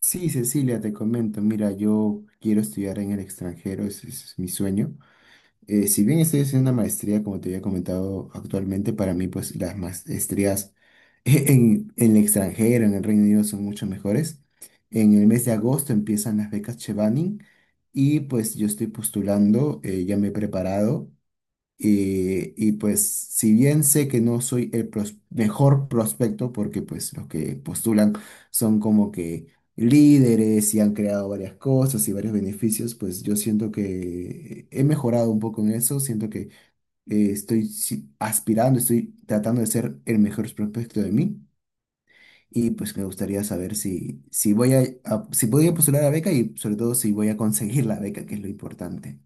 Sí, Cecilia, te comento, mira, yo quiero estudiar en el extranjero, ese es mi sueño. Si bien estoy haciendo una maestría, como te había comentado actualmente, para mí pues las maestrías en el extranjero, en el Reino Unido, son mucho mejores. En el mes de agosto empiezan las becas Chevening y pues yo estoy postulando, ya me he preparado. Y pues si bien sé que no soy el mejor prospecto, porque pues los que postulan son como que líderes y han creado varias cosas y varios beneficios, pues yo siento que he mejorado un poco en eso, siento que estoy aspirando, estoy tratando de ser el mejor prospecto de mí. Y pues me gustaría saber si, si voy si voy a postular la beca y sobre todo si voy a conseguir la beca, que es lo importante.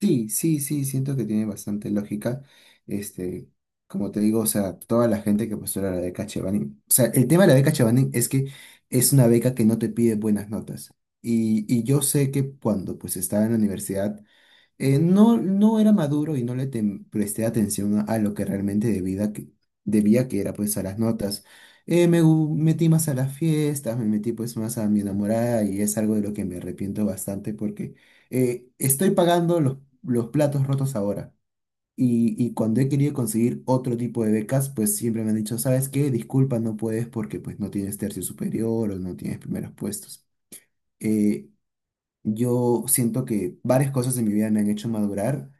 Sí, sí, sí, siento que tiene bastante lógica. Este, como te digo, o sea, toda la gente que postula la beca Chevening, o sea, el tema de la beca Chevening es que es una beca que no te pide buenas notas. Y yo sé que cuando pues estaba en la universidad, no, no era maduro y no le presté atención a lo que realmente debía, que era pues a las notas. Me metí más a las fiestas, me metí pues más a mi enamorada y es algo de lo que me arrepiento bastante porque estoy pagando los platos rotos ahora. Y cuando he querido conseguir otro tipo de becas, pues siempre me han dicho, ¿sabes qué? Disculpa, no puedes porque pues no tienes tercio superior o no tienes primeros puestos. Eh, yo siento que varias cosas en mi vida me han hecho madurar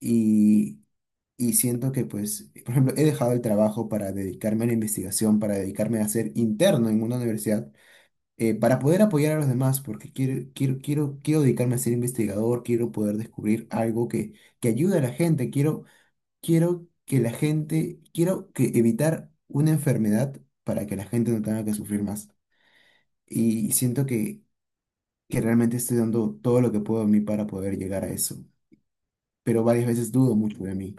y, y siento que, pues, por ejemplo, he dejado el trabajo para dedicarme a la investigación, para dedicarme a ser interno en una universidad, para poder apoyar a los demás, porque quiero dedicarme a ser investigador, quiero poder descubrir algo que ayude a la gente, quiero, quiero que la gente, quiero que evitar una enfermedad para que la gente no tenga que sufrir más. Y siento que realmente estoy dando todo lo que puedo de mí para poder llegar a eso, pero varias veces dudo mucho de mí.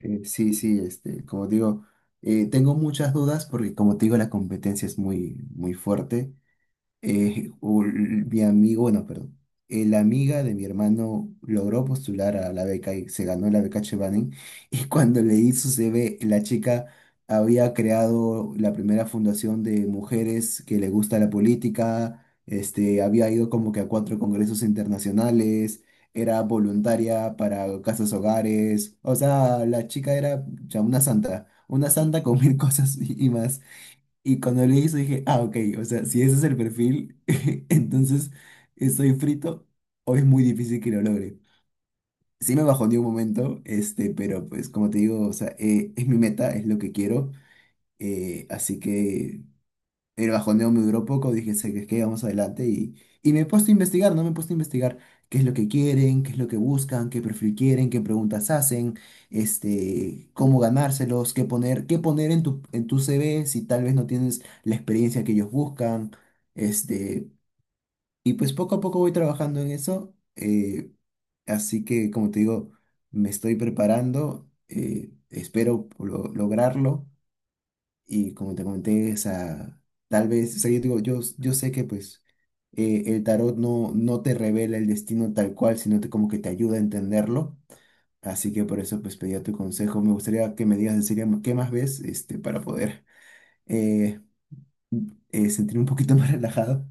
Sí, sí, este, como digo, tengo muchas dudas porque como te digo, la competencia es muy, muy fuerte, mi amigo, bueno, perdón, la amiga de mi hermano logró postular a la beca y se ganó la beca Chevening. Y cuando leí su CV, la chica había creado la primera fundación de mujeres que le gusta la política, este, había ido como que a 4 congresos internacionales, era voluntaria para casas hogares, o sea, la chica era ya una santa con mil cosas y más. Y cuando leí eso dije, ah, ok, o sea, si ese es el perfil, entonces estoy frito o es muy difícil que lo logre. Sí me bajó de un momento, este, pero pues como te digo, o sea, es mi meta, es lo que quiero, así que el bajoneo me duró poco, dije, sé que vamos adelante y me he puesto a investigar, ¿no? Me he puesto a investigar qué es lo que quieren, qué es lo que buscan, qué perfil quieren, qué preguntas hacen, este, cómo ganárselos, qué poner en tu CV si tal vez no tienes la experiencia que ellos buscan, este, y pues poco a poco voy trabajando en eso, así que como te digo, me estoy preparando, espero lograrlo. Y como te comenté, o sea, tal vez, o sea, yo digo, yo sé que pues el tarot no, no te revela el destino tal cual, sino te, como que te ayuda a entenderlo. Así que por eso pues pedía tu consejo. Me gustaría que me digas en serio qué más ves este, para poder eh, sentirme un poquito más relajado.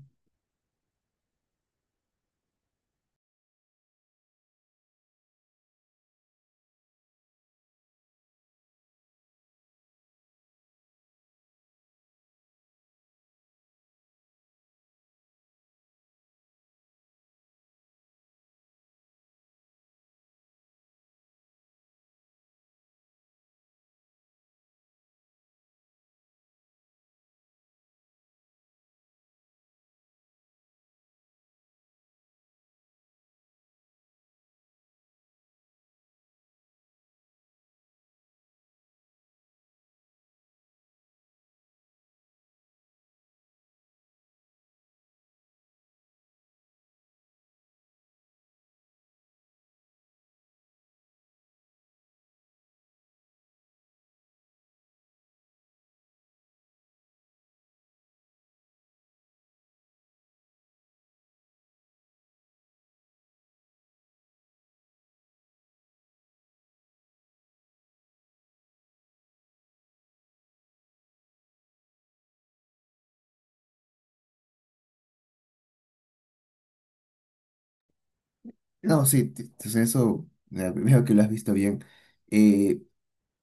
No, sí, entonces eso, veo que lo has visto bien. Eh,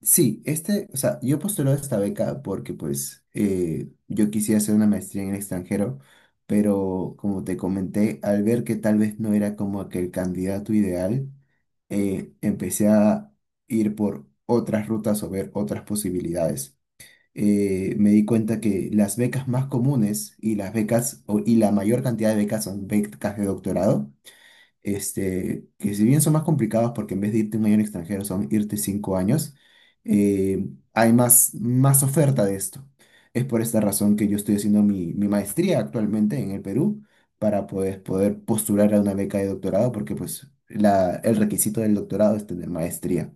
Sí, este, o sea, yo postulé esta beca porque pues yo quisiera hacer una maestría en el extranjero, pero como te comenté, al ver que tal vez no era como que el candidato ideal, empecé a ir por otras rutas o ver otras posibilidades. Me di cuenta que las becas más comunes y las becas y la mayor cantidad de becas son becas de doctorado, este, que si bien son más complicados porque en vez de irte un año al extranjero son irte 5 años, eh, hay más, más oferta de esto. Es por esta razón que yo estoy haciendo mi maestría actualmente en el Perú para poder, poder postular a una beca de doctorado porque pues la, el requisito del doctorado es tener maestría.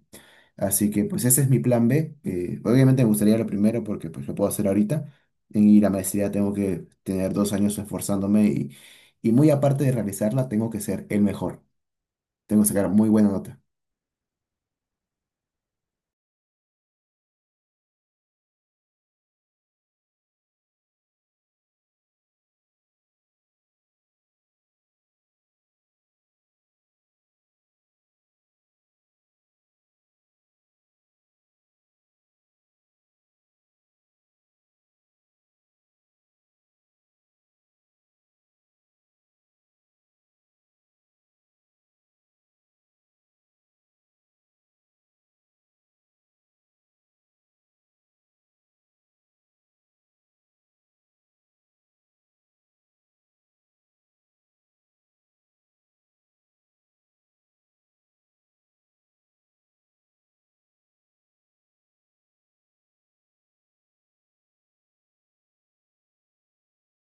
Así que pues ese es mi plan B. Obviamente me gustaría lo primero porque pues lo puedo hacer ahorita. En ir a maestría tengo que tener 2 años esforzándome y muy aparte de realizarla tengo que ser el mejor. Tengo que sacar muy buena nota.